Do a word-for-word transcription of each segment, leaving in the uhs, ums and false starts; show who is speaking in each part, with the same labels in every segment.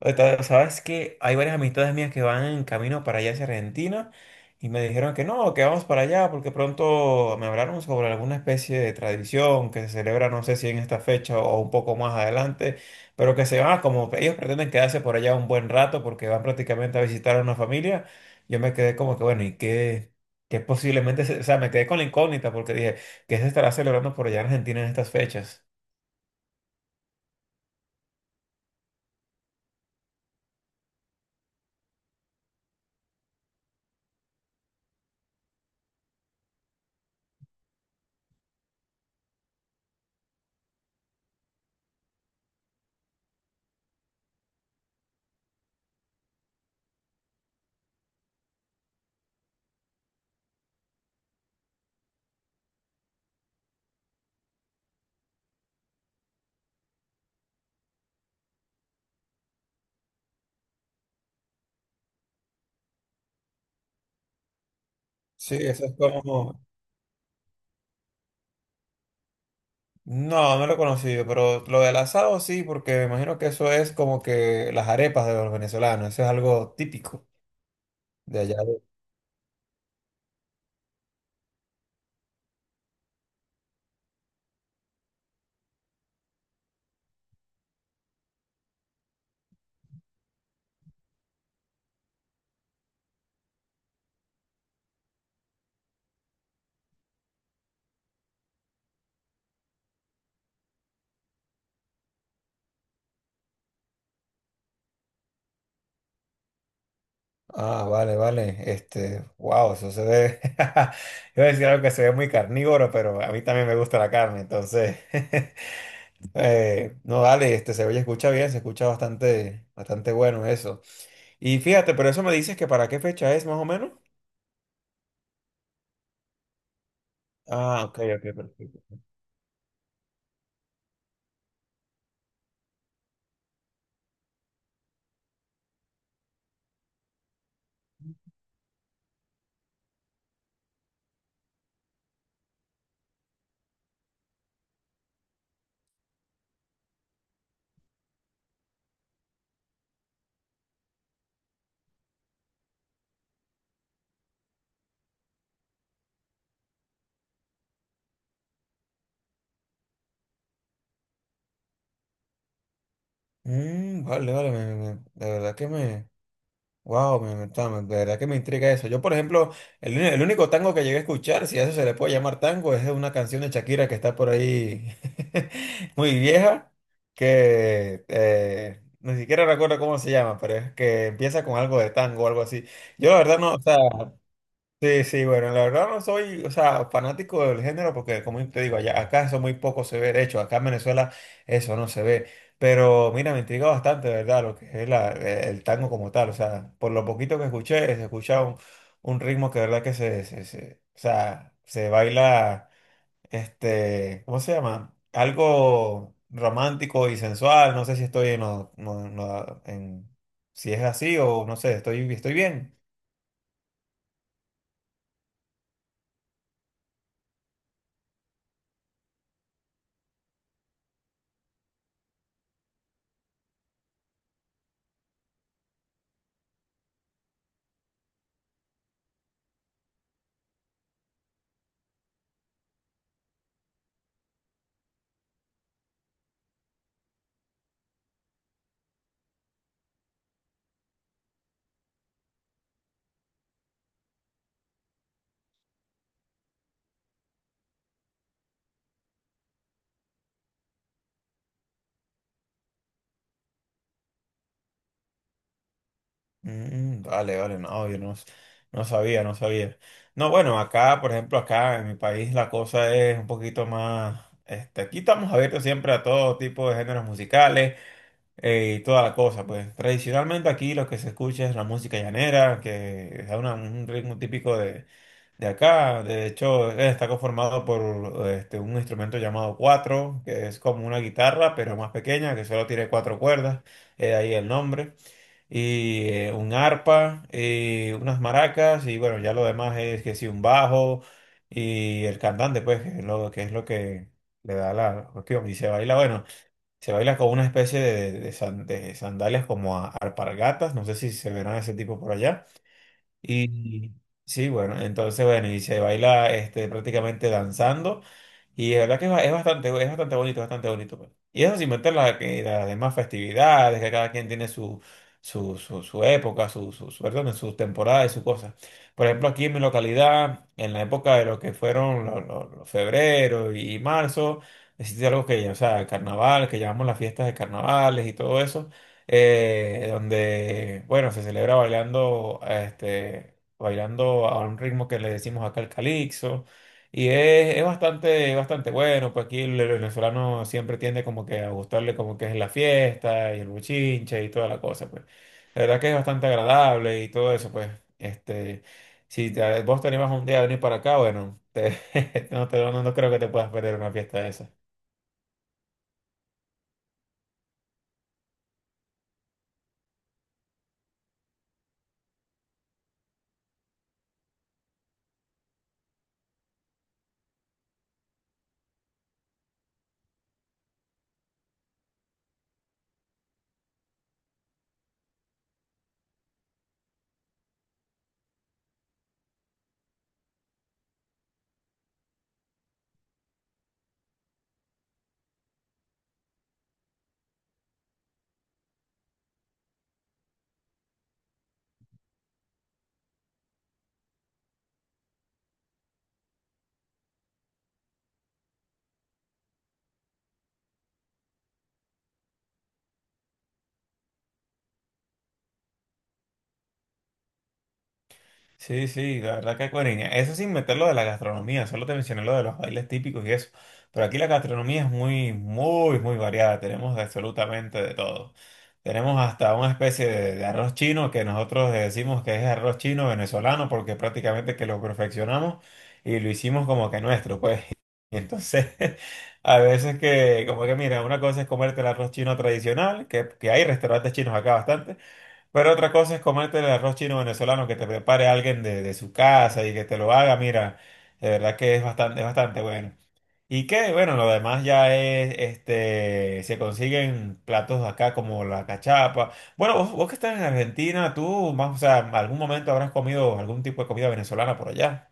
Speaker 1: Ahorita, sabes que hay varias amistades mías que van en camino para allá hacia Argentina y me dijeron que no, que vamos para allá porque pronto me hablaron sobre alguna especie de tradición que se celebra, no sé si en esta fecha o un poco más adelante, pero que se van como ellos pretenden quedarse por allá un buen rato porque van prácticamente a visitar a una familia. Yo me quedé como que bueno, ¿y qué? Que posiblemente, se- o sea, me quedé con la incógnita porque dije, ¿qué se estará celebrando por allá en Argentina en estas fechas? Sí, eso es como, no, no lo he conocido, pero lo del asado sí, porque me imagino que eso es como que las arepas de los venezolanos, eso es algo típico de allá. de- Ah, vale, vale, este, wow, eso se ve, iba a decir algo que se ve muy carnívoro, pero a mí también me gusta la carne, entonces, eh, no, dale, este, se oye, escucha bien, se escucha bastante, bastante bueno eso. Y fíjate, pero eso me dices que para qué fecha es más o menos. Ah, ok, ok, perfecto. Mm, vale, vale, me- me- de verdad que me... Wow, me, me- está- de verdad que me intriga eso. Yo, por ejemplo, el, uni- el único tango que llegué a escuchar, si a eso se le puede llamar tango, es una canción de Shakira que está por ahí muy vieja, que eh, ni siquiera recuerdo cómo se llama, pero es que empieza con algo de tango o algo así. Yo la verdad no, o sea, sí, sí, bueno, la verdad no soy, o sea, fanático del género porque, como te digo, allá, acá eso muy poco se ve, de hecho, acá en Venezuela eso no se ve, pero mira, me intriga bastante, de verdad, lo que es la- eh, el tango como tal, o sea, por lo poquito que escuché, se escucha un, un ritmo que de verdad que se, se, se- o sea, se baila, este, ¿cómo se llama? Algo romántico y sensual, no sé si estoy en, lo- no- no- en si es así o no sé, estoy, estoy bien. Mm, vale, vale, no, yo no, no sabía, no sabía. No, bueno, acá, por ejemplo, acá en mi país la cosa es un poquito más, este, aquí estamos abiertos siempre a todo tipo de géneros musicales eh, y toda la cosa, pues tradicionalmente aquí lo que se escucha es la música llanera, que es una- un ritmo típico de, de acá, de hecho eh, está conformado por este, un instrumento llamado cuatro, que es como una guitarra, pero más pequeña, que solo tiene cuatro cuerdas, eh, de ahí el nombre y eh, un arpa, eh, unas maracas y bueno, ya lo demás es que sí, un bajo y el cantante, pues, que es lo que, es lo que le da la cuestión. Y se baila, bueno, se baila con una especie de, de san- de sandalias como a- alpargatas, no sé si se verán ese tipo por allá. Y sí, bueno, entonces, bueno, y se baila este, prácticamente danzando. Y la verdad que es ba- es bastante, es bastante bonito, bastante bonito, pues. Y eso sin meter la- que las demás festividades, que cada quien tiene su, su, su, su época, su, su, su, perdón, sus temporadas y sus cosas. Por ejemplo, aquí en mi localidad, en la época de lo que fueron los, los- los febrero y marzo, existe algo que, o sea, el carnaval, que llamamos las fiestas de carnavales y todo eso eh, donde, bueno, se celebra bailando, este, bailando a un ritmo que le decimos acá el calixo, y es, es bastante, bastante bueno, pues aquí el el venezolano siempre tiende como que a gustarle como que es la fiesta y el bochinche y toda la cosa, pues. La verdad que es bastante agradable y todo eso, pues, este, si te- vos te animas un día a venir para acá, bueno, te- no, te- no no creo que te puedas perder una fiesta de esa. Sí, sí, la verdad que cuerina. Eso sin meter lo de la gastronomía, solo te mencioné lo de los bailes típicos y eso. Pero aquí la gastronomía es muy, muy, muy variada. Tenemos absolutamente de todo. Tenemos hasta una especie de, de arroz chino que nosotros decimos que es arroz chino venezolano porque prácticamente que lo perfeccionamos y lo hicimos como que nuestro, pues. Y entonces, a veces que, como que mira, una cosa es comerte el arroz chino tradicional, que, que hay restaurantes chinos acá bastante. Pero otra cosa es comerte el arroz chino venezolano que te prepare alguien de, de su casa y que te lo haga, mira, de verdad que es bastante, es bastante bueno. Y que, bueno, lo demás ya es, este, se consiguen platos acá como la cachapa. Bueno, vos, vos que estás en Argentina, tú, más, o sea, algún momento habrás comido algún tipo de comida venezolana por allá.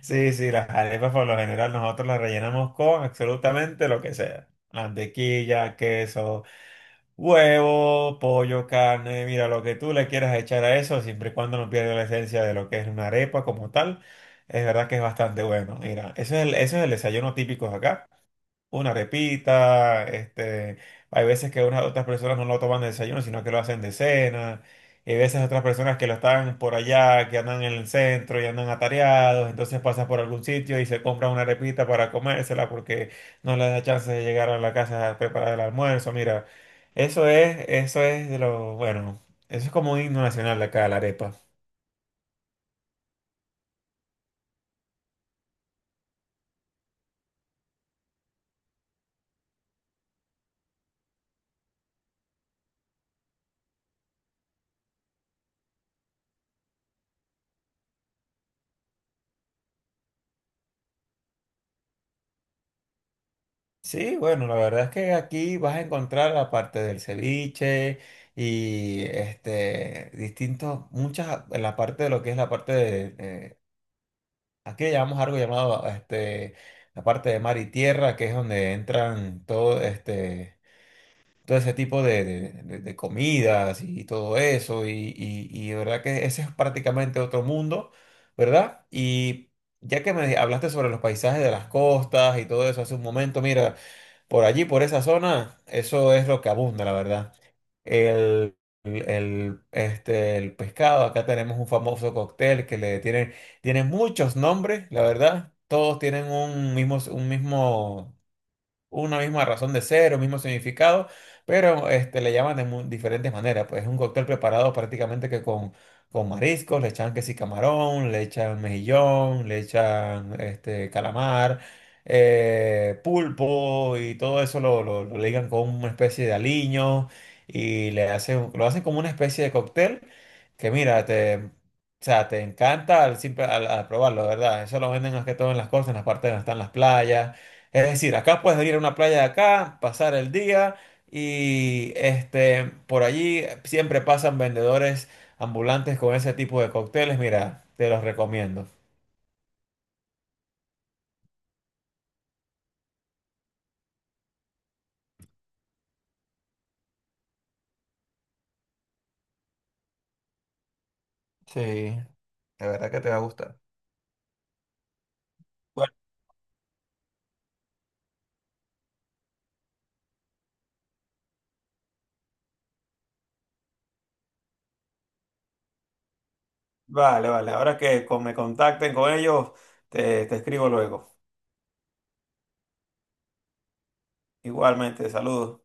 Speaker 1: Sí, sí, las arepas por lo general nosotros las rellenamos con absolutamente lo que sea. Mantequilla, queso. Huevo, pollo, carne, mira, lo que tú le quieras echar a eso, siempre y cuando no pierda la esencia de lo que es una arepa como tal, es verdad que es bastante bueno. Mira, eso es el, eso es el desayuno típico de acá, una repita, este, hay veces que unas otras personas no lo toman de desayuno, sino que lo hacen de cena, y hay veces otras personas que lo están por allá, que andan en el centro y andan atareados, entonces pasan por algún sitio y se compran una repita para comérsela porque no les da chance de llegar a la casa a preparar el almuerzo, mira, eso es, eso es de lo, bueno, eso es como un himno nacional de acá, la arepa. Sí, bueno, la verdad es que aquí vas a encontrar, aparte del ceviche y este, distintos, muchas, en la parte de lo que es la parte de, eh, aquí le llamamos algo llamado, este, la parte de mar y tierra, que es donde entran todo, este, todo ese tipo de, de- de- de comidas y todo eso, y, y, y de verdad que ese es prácticamente otro mundo, ¿verdad? Y ya que me hablaste sobre los paisajes de las costas y todo eso hace un momento, mira, por allí, por esa zona, eso es lo que abunda, la verdad. El, el, este, el pescado, acá tenemos un famoso cóctel que le tiene, tiene muchos nombres, la verdad. Todos tienen un mismo, un mismo, una misma razón de ser, un mismo significado, pero este, le llaman de mu- diferentes maneras. Pues es un cóctel preparado prácticamente que con, con mariscos, le echan que sí camarón, le echan mejillón, le echan este, calamar, eh, pulpo y todo eso lo, lo, lo ligan con una especie de aliño y le hacen, lo hacen como una especie de cóctel que mira, te... O sea, te encanta al, simple- al, al probarlo, ¿verdad? Eso lo venden más que todo en las costas, en las partes donde están las playas, es decir, acá puedes ir a una playa de acá, pasar el día y este, por allí siempre pasan vendedores ambulantes con ese tipo de cócteles. Mira, te los recomiendo. Sí, de verdad que te va a gustar. Bueno, vale, vale. Ahora que con- me contacten con ellos, te, te escribo luego. Igualmente, saludos.